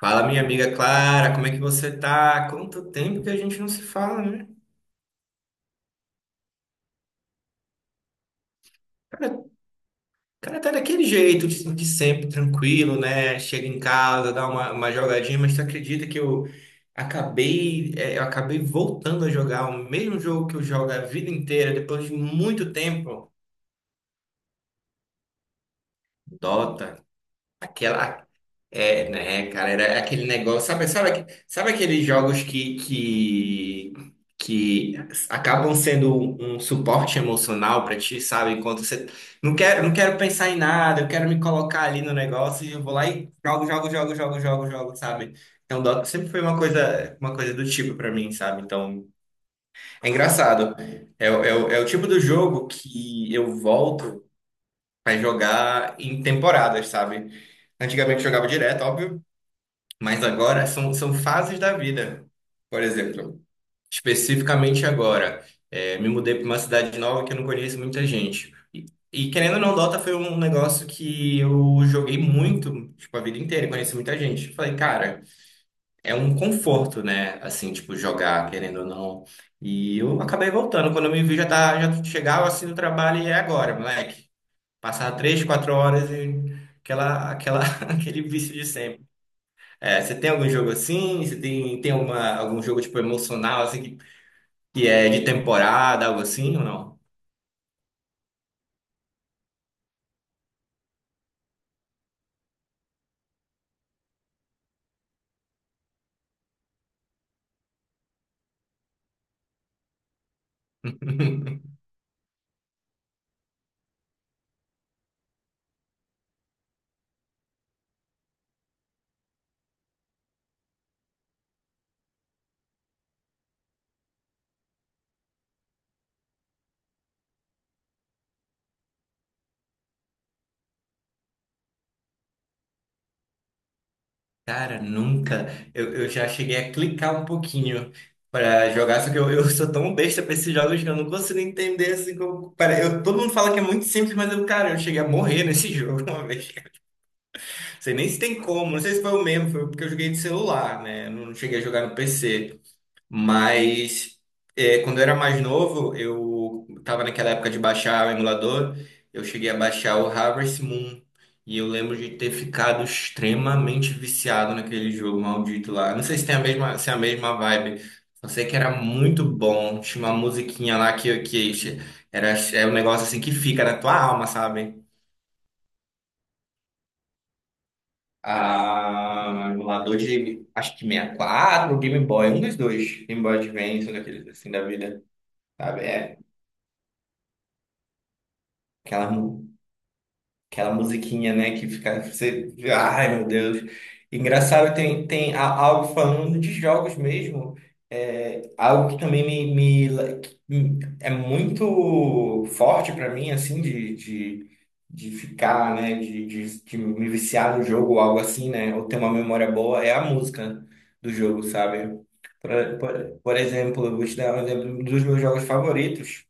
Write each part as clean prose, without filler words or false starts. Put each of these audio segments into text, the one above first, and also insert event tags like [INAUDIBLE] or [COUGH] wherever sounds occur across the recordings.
Fala, minha amiga Clara, como é que você tá? Quanto tempo que a gente não se fala, né? Cara, o cara tá daquele jeito, de sempre, tranquilo, né? Chega em casa, dá uma jogadinha, mas tu acredita que eu eu acabei voltando a jogar o mesmo jogo que eu jogo a vida inteira, depois de muito tempo? Dota. Aquela, né, cara, era aquele negócio, sabe aqueles jogos que acabam sendo um suporte emocional pra ti, sabe? Enquanto você não quero pensar em nada, eu quero me colocar ali no negócio e eu vou lá e jogo, jogo, jogo, jogo, jogo, jogo, sabe? Então, Dota sempre foi uma coisa do tipo pra mim, sabe? Então, é engraçado. É o tipo do jogo que eu volto pra jogar em temporadas, sabe? Antigamente eu jogava direto, óbvio. Mas agora são fases da vida. Por exemplo, especificamente agora, me mudei para uma cidade nova que eu não conheço muita gente. E querendo ou não, Dota foi um negócio que eu joguei muito, tipo, a vida inteira, e conheci muita gente. Falei, cara, é um conforto, né? Assim, tipo, jogar, querendo ou não. E eu acabei voltando. Quando eu me vi, já, tá, já chegava assim no trabalho e é agora, moleque. Passar três, quatro horas e aquela, aquela, [LAUGHS] aquele vício de sempre. É, você tem algum jogo assim? Você tem, algum jogo tipo emocional assim que é de temporada, algo assim ou não? [LAUGHS] Cara, nunca. Eu já cheguei a clicar um pouquinho pra jogar, só que eu sou tão besta pra esses jogos que eu não consigo entender assim como. Para, eu, todo mundo fala que é muito simples, mas eu, cara, eu cheguei a morrer nesse [LAUGHS] jogo uma vez. Não sei nem se tem como, não sei se foi o mesmo, foi porque eu joguei de celular, né? Eu não cheguei a jogar no PC. Mas é, quando eu era mais novo, eu tava naquela época de baixar o emulador, eu cheguei a baixar o Harvest Moon. E eu lembro de ter ficado extremamente viciado naquele jogo maldito lá. Não sei se tem a mesma, se é a mesma vibe. Só sei que era muito bom. Tinha uma musiquinha lá que era, é um negócio assim que fica na tua alma, sabe? Ah, emulador de, acho que 64, ou Game Boy, um dos dois, Game Boy Advance, um daqueles assim da vida, sabe? É, Aquela, mu- aquela musiquinha, né, que fica, você, ai meu Deus. Engraçado, algo falando de jogos mesmo, algo que também me la- que me- é muito forte para mim, assim, de ficar, né, de me viciar no jogo ou algo assim, né, ou ter uma memória boa, é a música do jogo, sabe? Por, por exemplo, eu vou te dar um exemplo dos meus jogos favoritos.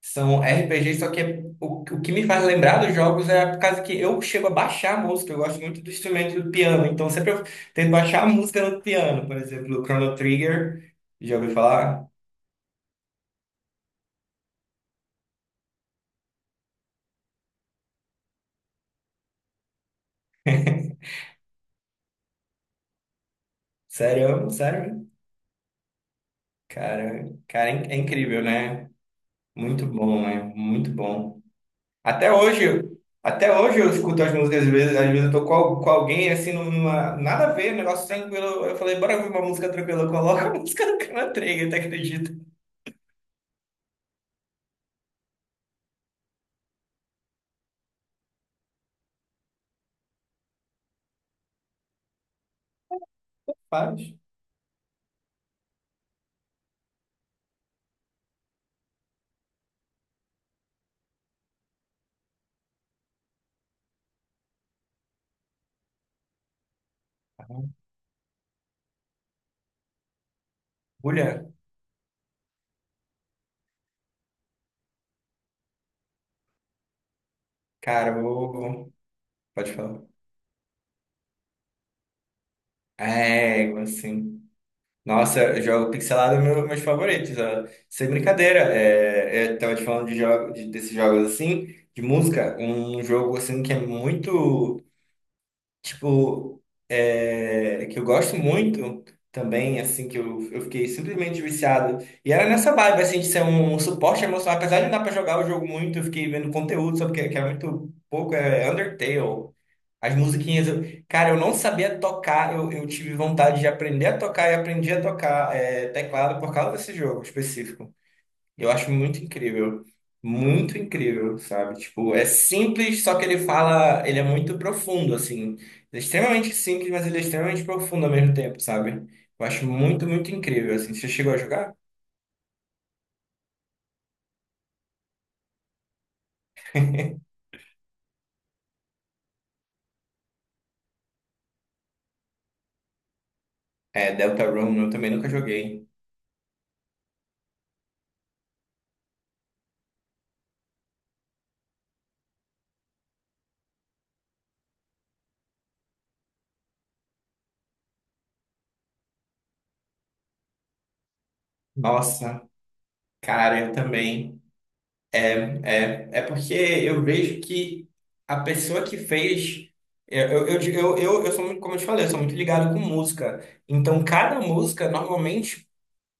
São RPG, só que o que me faz lembrar dos jogos é por causa que eu chego a baixar a música, eu gosto muito do instrumento do piano, então sempre eu tento baixar a música no piano, por exemplo, o Chrono Trigger, já ouviu falar? [LAUGHS] Sério, sério? Cara, cara, é incrível, né? Muito bom, né? Muito bom. Até hoje, até hoje eu escuto as músicas, às vezes eu tô com alguém assim, numa, nada a ver, um negócio tranquilo. Eu falei, bora ouvir uma música tranquila, coloca a [LAUGHS] música do Chrono Trigger, tu acredita? Faz. Mulher, cara, eu vou. Pode falar. É, assim. Nossa, eu jogo pixelado é meu, meus favoritos. Ó. Sem brincadeira. É, é, eu tava te falando de jogo, desses jogos assim, de música. Um jogo assim que é muito. Tipo, é, que eu gosto muito também, assim, que eu fiquei simplesmente viciado. E era nessa vibe, assim, de ser um suporte emocional. Apesar de não dar pra jogar o jogo muito, eu fiquei vendo conteúdo, só porque que era muito pouco, é Undertale. As musiquinhas, eu- cara, eu não sabia tocar, eu tive vontade de aprender a tocar e aprendi a tocar teclado por causa desse jogo específico. Eu acho muito incrível. Muito incrível, sabe? Tipo, é simples, só que ele fala, ele é muito profundo, assim. Ele é extremamente simples, mas ele é extremamente profundo ao mesmo tempo, sabe? Eu acho muito, muito incrível, assim. Você chegou a jogar? É, Deltarune, eu também nunca joguei. Nossa, cara, eu também. É, é porque eu vejo que a pessoa que fez. Eu eu sou muito, como eu te falei, eu sou muito ligado com música. Então, cada música, normalmente.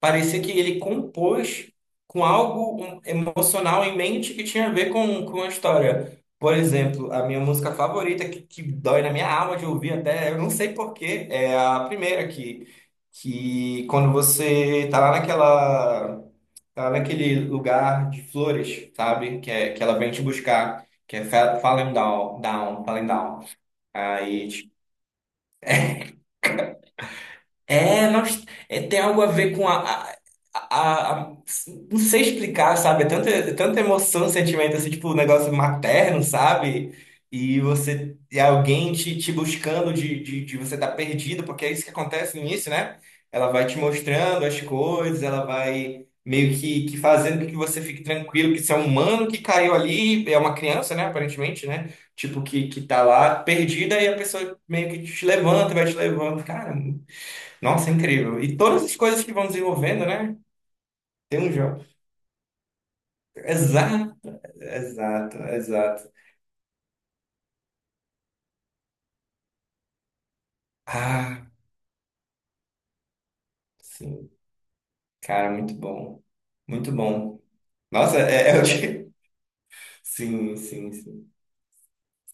Parecia que ele compôs com algo um, emocional em mente que tinha a ver com a história. Por exemplo, a minha música favorita, que dói na minha alma de ouvir até, eu não sei por quê, é a primeira que quando você tá lá naquela, tá lá naquele lugar de flores, sabe? Que, é, que ela vem te buscar, que é Falling Down, Down, Falling Down. Aí tipo, tem algo a ver com a não sei explicar, sabe? É tanta emoção, sentimento, assim, tipo, um negócio materno, sabe? E você... E alguém te buscando de você estar perdido, porque é isso que acontece no início, né? Ela vai te mostrando as coisas, ela vai meio que fazendo com que você fique tranquilo, que você é um humano que caiu ali, é uma criança, né? Aparentemente, né? Tipo, que tá lá perdida e a pessoa meio que te levanta, vai te levando. Cara... Nossa, incrível. E todas as coisas que vão desenvolvendo, né? Tem um jogo. Exato, exato, exato. Ah, sim. Cara, muito bom. Muito bom. Nossa, é, é o que... [LAUGHS] Sim, sim, sim.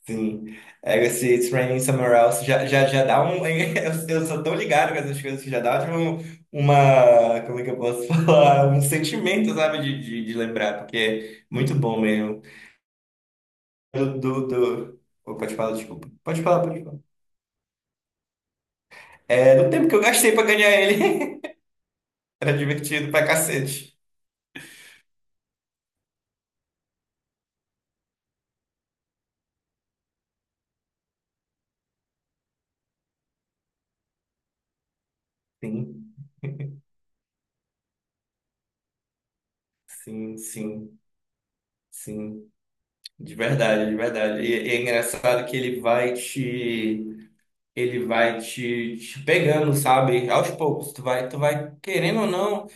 Sim. É, esse It's Raining Somewhere Else já, já, já dá um... [LAUGHS] Eu sou tão ligado com essas coisas que já dá tipo, uma... Como é que eu posso [LAUGHS] falar? Um sentimento, sabe? De lembrar, porque é muito bom mesmo. Pode falar, desculpa. Pode falar, pode falar. É, do tempo que eu gastei pra ganhar ele. [LAUGHS] Era divertido pra cacete. Sim, sim, sim, sim. De verdade, de verdade. E é engraçado que ele vai te. Ele vai te pegando, sabe? Aos poucos. Tu vai querendo ou não.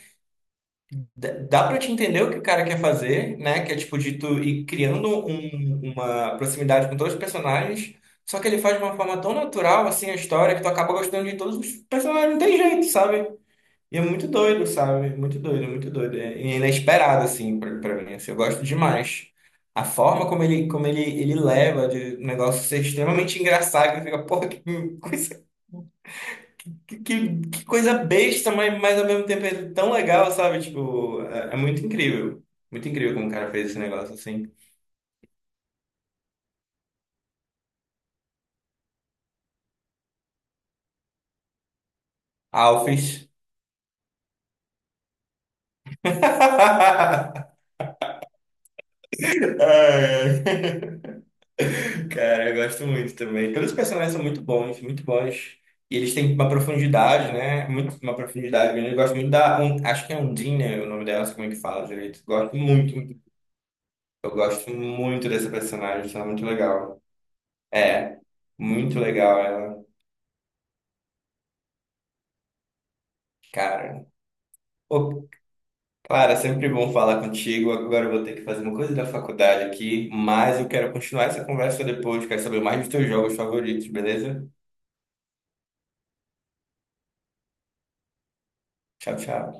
Dá pra te entender o que o cara quer fazer, né? Que é tipo de tu ir criando uma proximidade com todos os personagens. Só que ele faz de uma forma tão natural, assim, a história, que tu acaba gostando de todos os personagens. Não tem jeito, sabe? E é muito doido, sabe? Muito doido, muito doido. É inesperado, assim, pra mim. Assim, eu gosto demais. A forma como ele, ele leva de um negócio ser extremamente engraçado, que fica, porra, que coisa, que coisa besta, mas ao mesmo tempo é tão legal, sabe? Tipo, é, é muito incrível. Muito incrível como o cara fez esse negócio, assim. Alphys. [LAUGHS] Ai, Cara, eu gosto muito também. Todos os personagens são muito bons, muito bons. E eles têm uma profundidade, né? Muito, uma profundidade grande. Eu gosto muito da. Acho que é Undine, né, o nome dela, não sei como é que fala direito. Gosto muito, muito. Eu gosto muito dessa personagem, acho ela muito legal. Muito legal ela. Cara. Pô, Clara, sempre bom falar contigo. Agora eu vou ter que fazer uma coisa da faculdade aqui, mas eu quero continuar essa conversa depois. Quero saber mais dos teus jogos favoritos, beleza? Tchau, tchau.